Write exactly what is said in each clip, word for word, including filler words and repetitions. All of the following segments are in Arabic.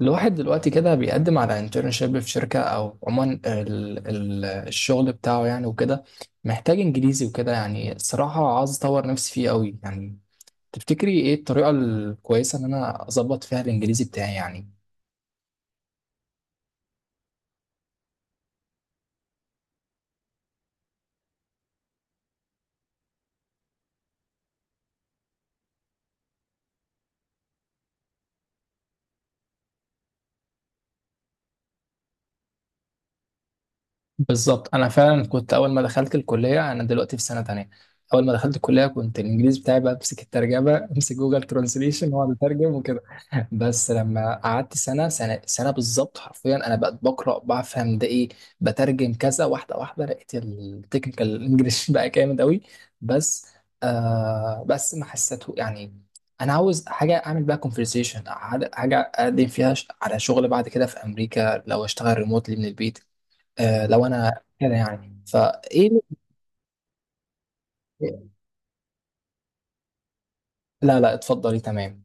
الواحد دلوقتي كده بيقدم على انترنشيب في شركة أو عموما ال- ال- الشغل بتاعه يعني وكده محتاج إنجليزي وكده يعني الصراحة عاوز أطور نفسي فيه أوي يعني. تفتكري إيه الطريقة الكويسة إن أنا أظبط فيها الإنجليزي بتاعي يعني؟ بالظبط، انا فعلا كنت اول ما دخلت الكليه، انا دلوقتي في سنه تانية. اول ما دخلت الكليه كنت الانجليزي بتاعي بقى امسك الترجمه امسك جوجل ترانسليشن واقعد اترجم وكده. بس لما قعدت سنه سنه سنه بالظبط حرفيا انا بقيت بقرا بفهم ده ايه، بترجم كذا واحده واحده لقيت التكنيكال انجلش بقى جامد قوي. بس آه بس ما حسيته يعني. انا عاوز حاجه اعمل بقى كونفرسيشن، حاجه أقدم فيها ش- على شغل بعد كده في امريكا لو اشتغل ريموتلي من البيت. آه لو انا كده يعني فايه. لا لا، اتفضلي تمام.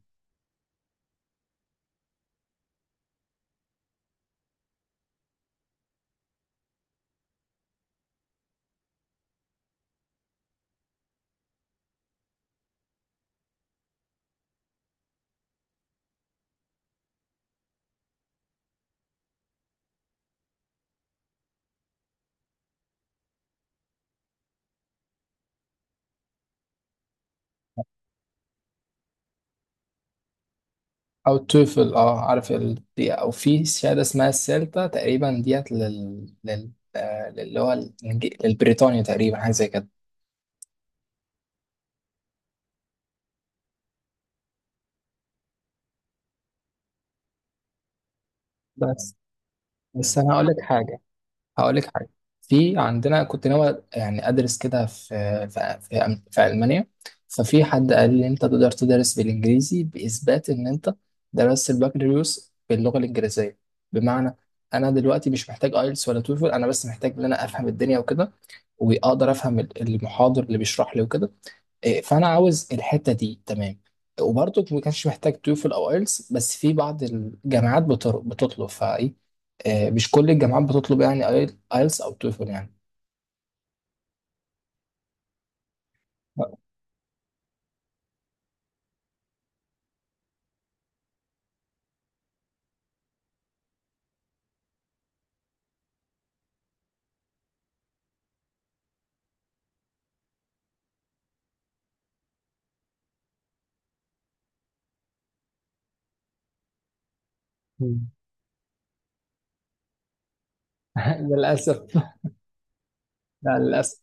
او التوفل، اه عارف ال... دي، او في شهاده اسمها السيلتا تقريبا ديت لل لل آه، اللي هو الإنج- للبريطانيا تقريبا حاجه زي كده. بس بس انا هقول لك حاجه هقول لك حاجه في عندنا كنت ناوي يعني ادرس كده في في في, أم- في المانيا. ففي حد قال لي انت تقدر تدرس بالانجليزي باثبات ان انت درست البكالوريوس باللغه الانجليزيه. بمعنى، انا دلوقتي مش محتاج ايلتس ولا توفل، انا بس محتاج ان انا افهم الدنيا وكده واقدر افهم ال- المحاضر اللي بيشرح لي وكده. إيه، فانا عاوز الحته دي تمام. وبرضه ما كانش محتاج توفل او ايلتس بس في بعض الجامعات بتر- بتطلب فايه. إيه، مش كل الجامعات بتطلب يعني ايلتس او توفل يعني. مم. للأسف. لا للأسف.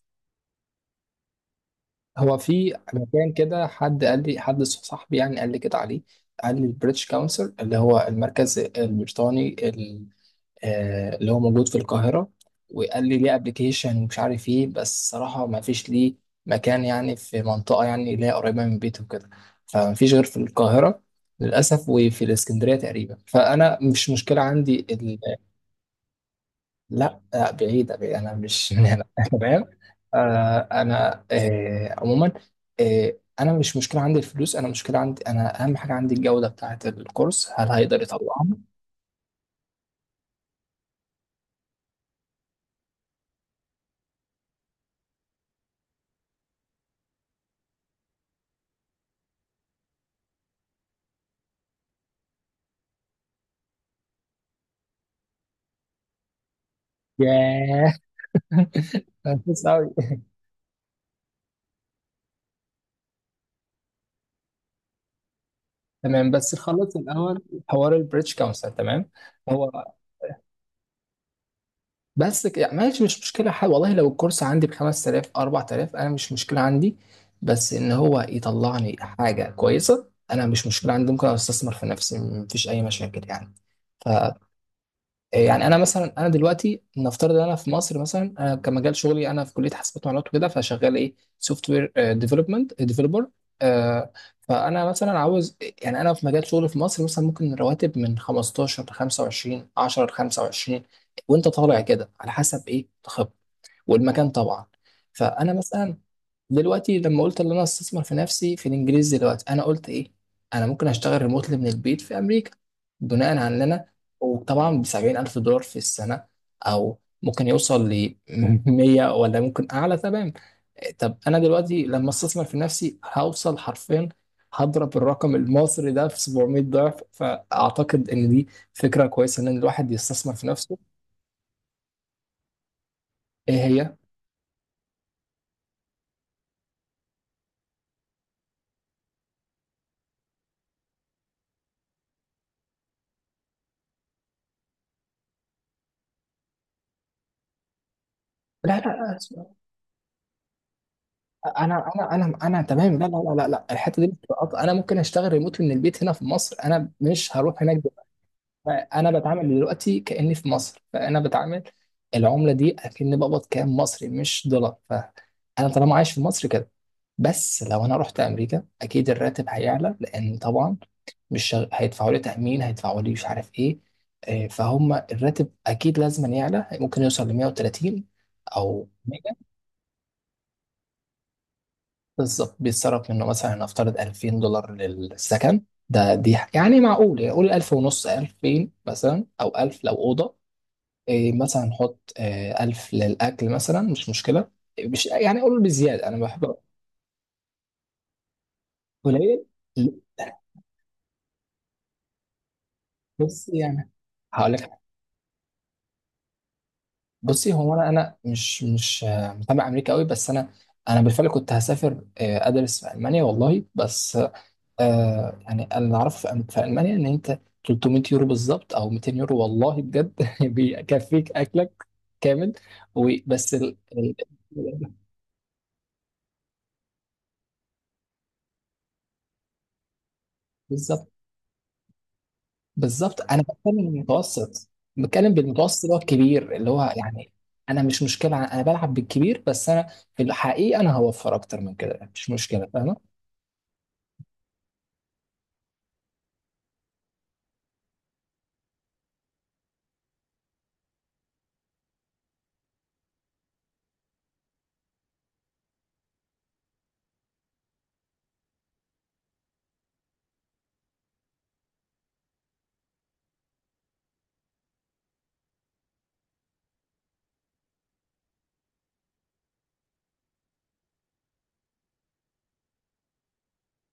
هو في مكان كده، حد قال لي حد صاحبي يعني قال لي كده عليه. قال لي البريتش كونسل اللي هو المركز البريطاني، آه، اللي هو موجود في القاهرة. وقال لي ليه ابلكيشن ومش عارف ايه، بس صراحة ما فيش ليه مكان يعني في منطقة يعني اللي هي قريبة من بيته وكده، فما فيش غير في القاهرة للأسف وفي الإسكندرية تقريبا، فأنا مش مشكلة عندي ال... لا، آه، بعيدة بعيدة أنا مش من هنا تمام. آه، أنا آه، عموما، آه، أنا مش مشكلة عندي الفلوس، أنا مشكلة عندي أنا أهم حاجة عندي الجودة بتاعة الكورس، هل هيقدر يطلعها؟ ياه أوي. تمام بس نخلص الاول حوار البريتش كونسل تمام. هو بس ك- يعني ماشي، مش مشكله حاجه والله، لو الكورس عندي ب خمس تلاف اربع تلاف انا مش مشكله عندي، بس ان هو يطلعني حاجه كويسه انا مش مشكله عندي، ممكن استثمر في نفسي مفيش اي مشاكل يعني. يعني انا مثلا، انا دلوقتي نفترض ان انا في مصر مثلا، انا كمجال شغلي انا في كليه حاسبات ومعلومات وكده، فشغال ايه سوفت وير ديفلوبمنت ديفلوبر. فانا مثلا عاوز يعني، انا في مجال شغلي في مصر مثلا ممكن رواتب من خمسة عشر ل خمسة وعشرين، عشرة ل خمسة وعشرين وانت طالع كده على حسب ايه تخب والمكان طبعا. فانا مثلا دلوقتي لما قلت ان انا استثمر في نفسي في الانجليزي دلوقتي انا قلت ايه، انا ممكن اشتغل ريموتلي من البيت في امريكا بناء على ان انا، وطبعا ب 70000 الف دولار في السنه، او ممكن يوصل ل مية ولا ممكن اعلى تمام. طب انا دلوقتي لما استثمر في نفسي هوصل حرفيا، هضرب الرقم المصري ده في سبع مية ضعف، فاعتقد ان دي فكره كويسه ان الواحد يستثمر في نفسه. ايه هي؟ لا لا لا، انا انا انا انا تمام، لا لا لا لا لا، الحته دي مش بتبقى- انا ممكن اشتغل ريموت من البيت هنا في مصر، انا مش هروح هناك دلوقتي. انا بتعامل دلوقتي كاني في مصر، فانا بتعامل العمله دي اكني بقبض كام مصري مش دولار، فانا طالما عايش في مصر كده. بس لو انا رحت امريكا اكيد الراتب هيعلى لان طبعا مش شغ- هيدفعوا لي تامين، هيدفعوا لي مش عارف ايه. آه، فهم الراتب اكيد لازم يعلى، ممكن يوصل ل مئة وثلاثين او. بالظبط بيتصرف منه مثلا، نفترض الفين دولار للسكن، ده دي يعني معقول يعني، قول الف ونص، الفين مثلا او الف لو اوضه. إيه مثلا نحط إيه الف للاكل مثلا مش مشكله، مش يعني قول بزياده انا بحب. قليل. بص يعني هقول لك حاجة. بصي، هو انا انا مش مش آه، متابع امريكا قوي بس انا، انا بالفعل كنت هسافر آه، ادرس في المانيا والله، بس آه يعني انا اللي اعرفه في أم- في المانيا ان انت تلت مية يورو بالظبط او مئتين يورو والله بجد بيكفيك اكلك كامل. وبس ال... ال... بالظبط. بالظبط انا بتكلم المتوسط، بتكلم بالمتوسط اللي هو الكبير اللي هو يعني. انا مش مشكله، انا بلعب بالكبير بس انا في الحقيقه انا هوفر اكتر من كده مش مشكله، فاهمه؟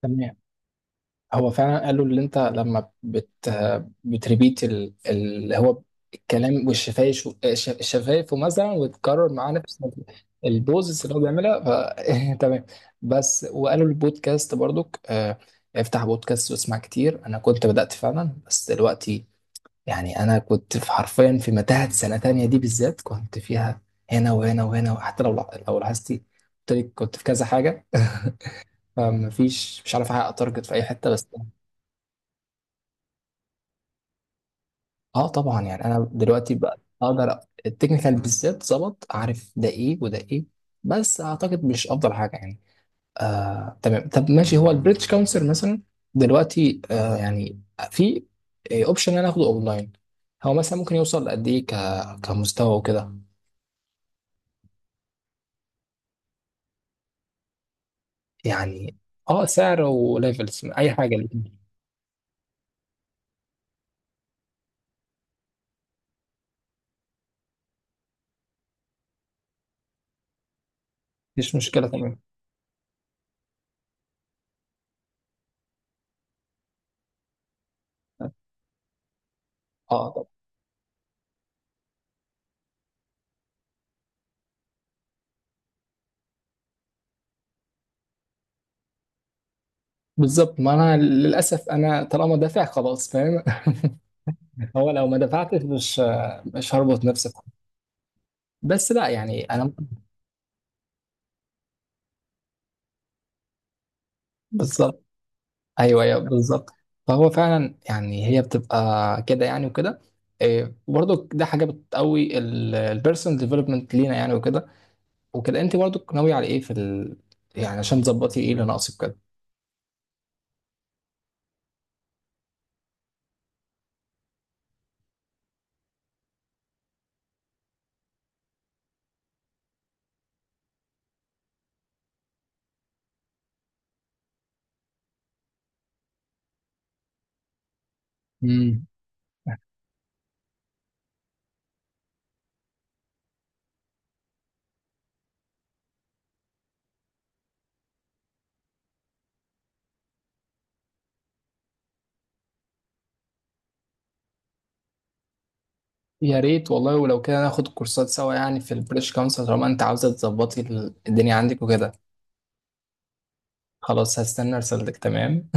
تمام. هو فعلا قالوا اللي انت لما بت بتريبيت ال- اللي هو الكلام، والشفايف الشفايف مثلا، وتكرر معاه نفس البوزس اللي هو بيعملها. ف تمام. بس وقالوا البودكاست برضك، آه، افتح بودكاست واسمع كتير. انا كنت بدأت فعلا بس دلوقتي يعني انا كنت في حرفيا في متاهة، سنة تانية دي بالذات كنت فيها هنا وهنا وهنا، وحتى لو لو لاحظتي قلت لك كنت في كذا حاجة فمفيش، مش عارف احقق تارجت في اي حتة. بس اه طبعا يعني انا دلوقتي بقى اقدر، التكنيكال بالذات ظبط، عارف ده ايه وده ايه، بس اعتقد مش افضل حاجه يعني. آه تمام طب ماشي، هو البريتش كونسل مثلا دلوقتي آه يعني في اوبشن ان انا اخده اونلاين. هو مثلا ممكن يوصل لقد ايه ك- كمستوى وكده؟ يعني اه سعر وليفلز اي حاجه الاتنين. مفيش مشكله تمام. اه طب بالظبط، ما انا للاسف انا طالما دافع خلاص فاهم هو لو ما دفعتش مش مش هربط نفسي، بس لا يعني انا بالظبط ايوه ايوه بالظبط. فهو فعلا يعني هي بتبقى كده يعني وكده. إيه، برضو ده حاجه بتقوي البيرسونال ديفلوبمنت لينا يعني وكده. وكده انت برضو ناويه على ايه في ال... يعني عشان تظبطي ايه اللي ناقصك كده؟ امم. يا ريت والله، ولو كده ناخد كورسات سوا يعني في البريتش كونسل طالما انت عاوزه تظبطي ال- الدنيا عندك وكده. خلاص هستنى رسالتك تمام.